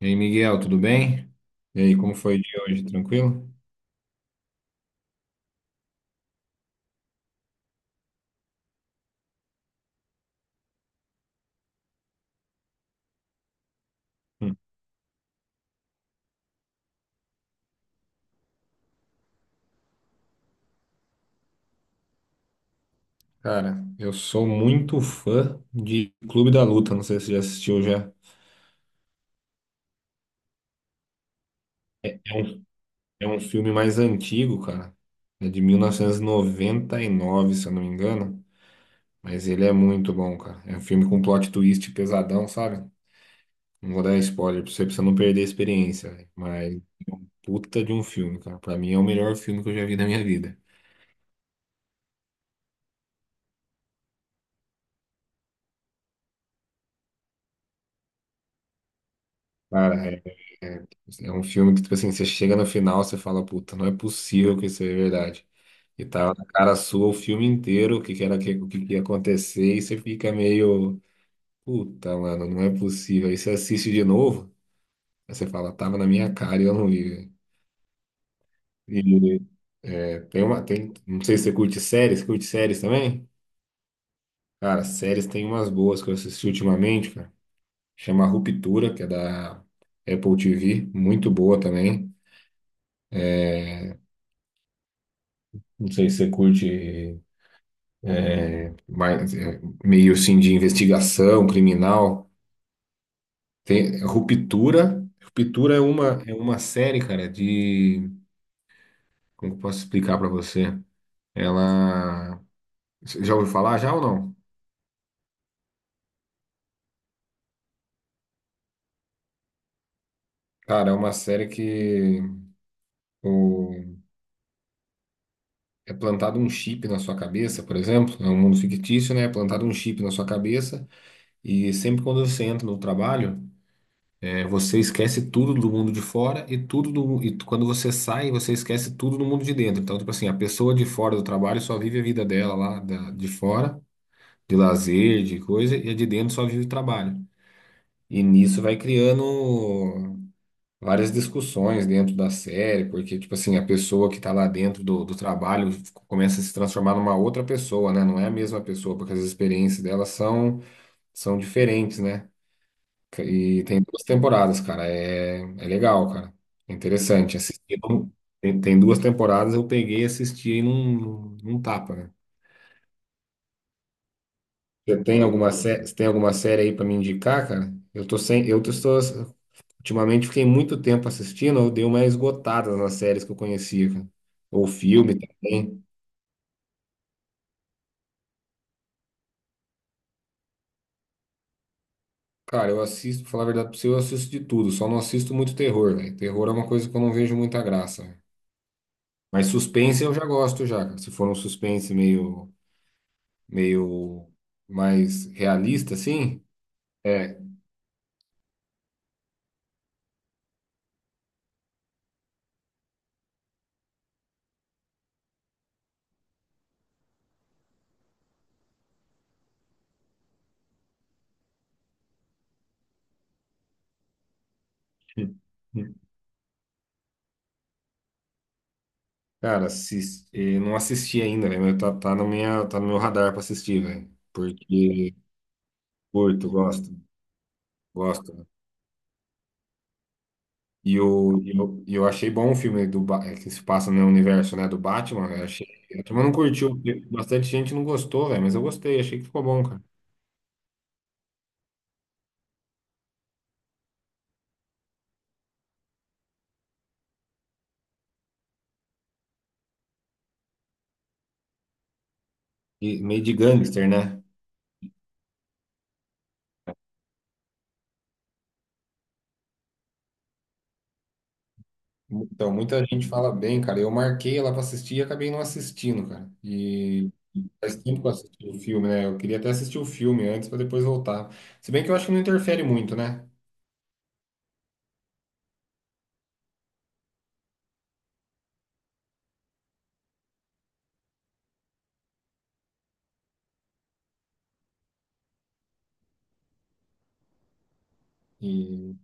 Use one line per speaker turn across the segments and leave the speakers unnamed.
E aí, Miguel, tudo bem? E aí, como foi o dia hoje? Tranquilo? Hum. Cara, eu sou muito fã de Clube da Luta, não sei se você já assistiu já. É um, é um filme mais antigo, cara. É de mil novecentos e noventa e nove, se eu não me engano. Mas ele é muito bom, cara. É um filme com plot twist pesadão, sabe? Não vou dar spoiler pra você não perder a experiência, velho. Mas puta de um filme, cara. Pra mim é o melhor filme que eu já vi na minha vida. Cara, é, é, é um filme que, tipo assim, você chega no final, você fala, puta, não é possível que isso é verdade. E tava na cara sua o filme inteiro, o que que era, o que que ia acontecer, e você fica meio, puta, mano, não é possível. Aí você assiste de novo, aí você fala, tava na minha cara e eu não vi. Velho. E é, não sei se você curte séries também? Cara, séries tem umas boas que eu assisti ultimamente, cara. Chama Ruptura, que é da Apple TV, muito boa também. Não sei se você curte mais, é, meio assim de investigação criminal. Tem Ruptura. É uma série, cara, de. Como que eu posso explicar pra você? Ela. Você já ouviu falar já ou não? Cara, é uma série que o... é plantado um chip na sua cabeça, por exemplo. É um mundo fictício, né? É plantado um chip na sua cabeça. E sempre quando você entra no trabalho. É. Você esquece tudo do mundo de fora e tudo do, e quando você sai, você esquece tudo do mundo de dentro. Então, tipo assim, a pessoa de fora do trabalho só vive a vida dela lá de fora, de lazer, de coisa, e a de dentro só vive o trabalho. E nisso vai criando várias discussões dentro da série, porque, tipo assim, a pessoa que tá lá dentro do trabalho começa a se transformar numa outra pessoa, né? Não é a mesma pessoa, porque as experiências delas são diferentes, né? E tem 2 temporadas, cara. É legal, cara. É interessante. Assistir, não- tem, tem 2 temporadas, eu peguei e assisti aí num tapa, né? Você tem alguma, sé- você tem alguma série aí pra me indicar, cara? Eu tô sem, eu tô, estou- ultimamente fiquei muito tempo assistindo, eu dei uma esgotada nas séries que eu conhecia, cara. Ou filme também. Cara, eu assisto, pra falar a verdade pra você, eu assisto de tudo, só não assisto muito terror, velho. Terror é uma coisa que eu não vejo muita graça, velho. Mas suspense eu já gosto já, cara. Se for um suspense meio mais realista, assim. É, cara, não assisti ainda, velho, mas tá no meu radar pra assistir, velho. Porque curto, gosto. E eu achei bom o filme do, que se passa no universo, né, do Batman, velho. Achei, a turma não curtiu, porque bastante gente não gostou, velho, mas eu gostei, achei que ficou bom, cara. E meio de gangster, né? Então, muita gente fala bem, cara. Eu marquei ela para assistir e acabei não assistindo, cara. E faz tempo que eu assisti o filme, né? Eu queria até assistir o filme antes para depois voltar. Se bem que eu acho que não interfere muito, né? E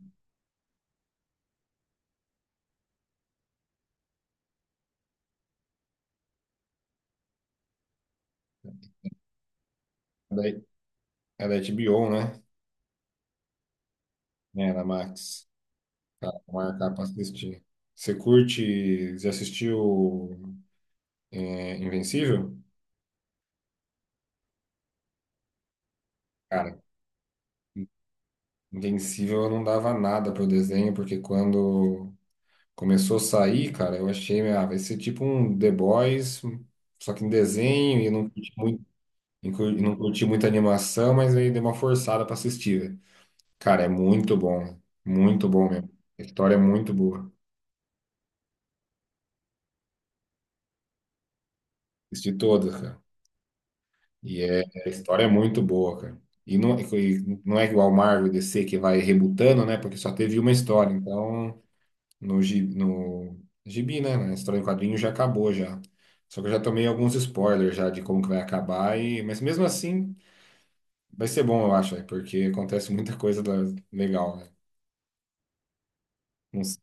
é da é da HBO, né? É, da Max. Tá, vou marcar para assistir. Você curte? Já assistiu é, Invencível? Cara, Invencível eu não dava nada pro desenho, porque quando começou a sair, cara, eu achei, ah, vai ser tipo um The Boys, só que em desenho, e não curti muito, e não curti muita animação, mas aí dei uma forçada pra assistir, velho. Cara, é muito bom mesmo. A história é muito boa. Assisti todas, cara. E é, a história é muito boa, cara. E não é igual Marvel e DC que vai rebutando, né? Porque só teve uma história, então. No gibi, né? Na história em quadrinho já acabou já. Só que eu já tomei alguns spoilers já de como que vai acabar, e... mas mesmo assim vai ser bom, eu acho, velho, porque acontece muita coisa legal, né? Não sei.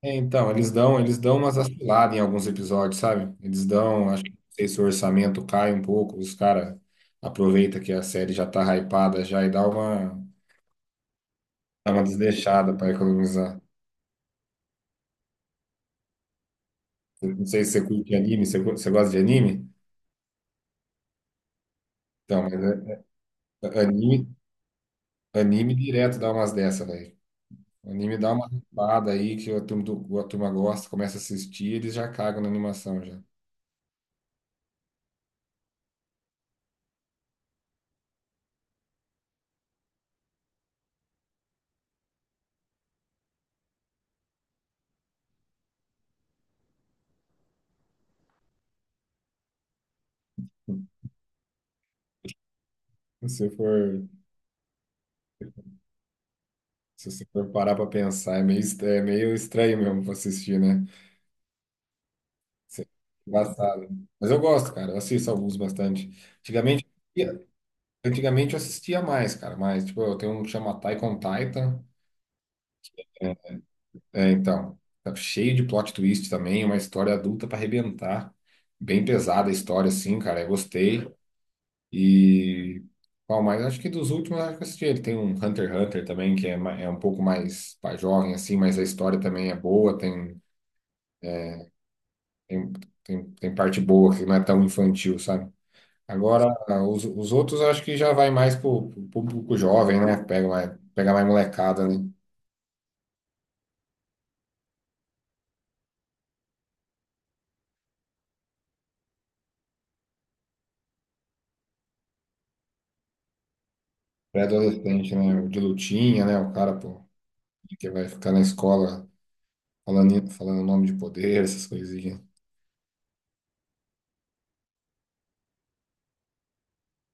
É, então, eles dão umas vaciladas em alguns episódios, sabe? Eles dão, acho que não sei se o orçamento cai um pouco, os caras aproveita que a série já tá hypada já e dá uma desleixada para economizar. Eu não sei se você curte anime, você, você gosta de anime? Então, mas é, anime direto dá umas dessa, velho. Anime dá uma hypada aí que a turma, a turma gosta, começa a assistir, eles já cagam na animação já. Se você for, se você for parar pra pensar, é meio, é meio estranho mesmo pra assistir, né? Isso é engraçado. Mas eu gosto, cara. Eu assisto alguns bastante. Antigamente, antigamente eu assistia mais, cara. Mas, tipo, eu tenho um que chama Attack on Titan. É, então. Tá cheio de plot twist também, uma história adulta pra arrebentar. Bem pesada a história, assim, cara. Eu gostei. E qual mais? Acho que dos últimos, acho que eu assisti. Ele tem um Hunter x Hunter também, que é, é um pouco mais para jovem, assim, mas a história também é boa, tem, tem parte boa, que não é tão infantil, sabe? Agora, os outros eu acho que já vai mais pro público jovem, né? Pega mais molecada, né? Pré-adolescente, né? De lutinha, né? O cara, pô, que vai ficar na escola falando, falando nome de poder, essas coisas.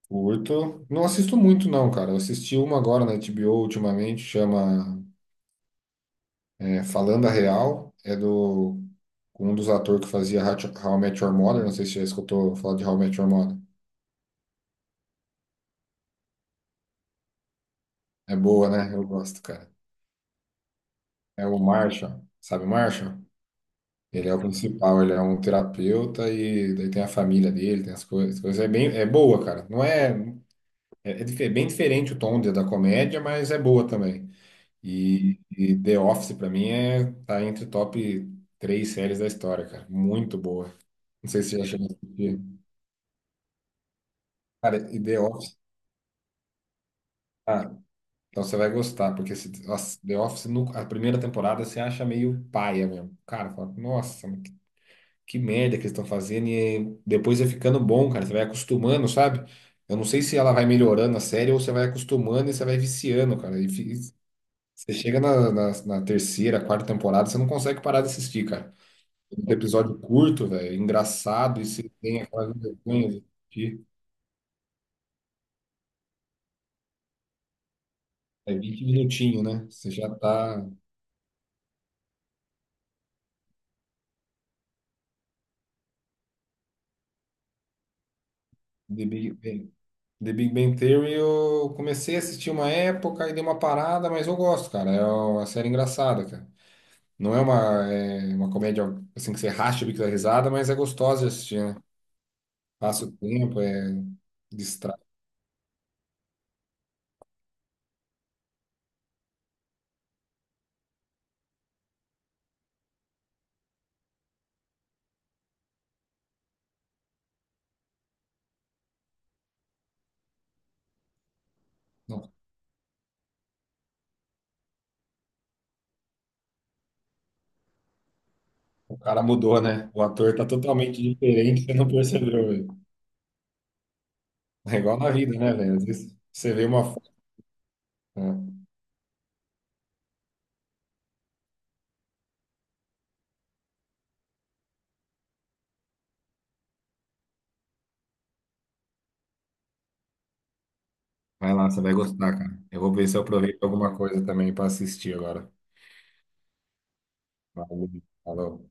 Curto. Não assisto muito, não, cara. Eu assisti uma agora na HBO ultimamente, chama é, Falando a Real. É do com um dos atores que fazia How I Met Your Mother. Não sei se já escutou falar de How I Met Your Mother. É boa, né? Eu gosto, cara. É o Marshall. Sabe o Marshall? Ele é o principal, ele é um terapeuta e daí tem a família dele, tem as coisas. As coisas. É bem, é boa, cara. Não é, é, bem diferente o tom da comédia, mas é boa também. E The Office, pra mim, é, tá entre top 3 séries da história, cara. Muito boa. Não sei se você já chegou a assistir. Cara, e The Office. Ah, então você vai gostar, porque se, nossa, The Office, no, a primeira temporada, você acha meio paia mesmo. Cara, fala, nossa, mas que merda que eles estão fazendo. E depois vai ficando bom, cara. Você vai acostumando, sabe? Eu não sei se ela vai melhorando a série ou você vai acostumando e você vai viciando, cara. E, fi- você chega na terceira, quarta temporada, você não consegue parar de assistir, cara. Um episódio curto, velho, engraçado, e você tem aquela vergonha de assistir. É 20 minutinhos, né? Você já tá. The Big Bang, The Big Bang Theory, eu comecei a assistir uma época e dei uma parada, mas eu gosto, cara. É uma série engraçada, cara. Não é uma, é uma comédia assim que você racha o bico da risada, mas é gostosa de assistir, né? Passa o tempo, é. Distrai. Não, o cara mudou, né? O ator tá totalmente diferente, você não percebeu, velho. É igual na vida, né, velho? Às vezes você vê uma foto. Né? Vai lá, você vai gostar, cara. Eu vou ver se eu aproveito alguma coisa também para assistir agora. Valeu. Falou.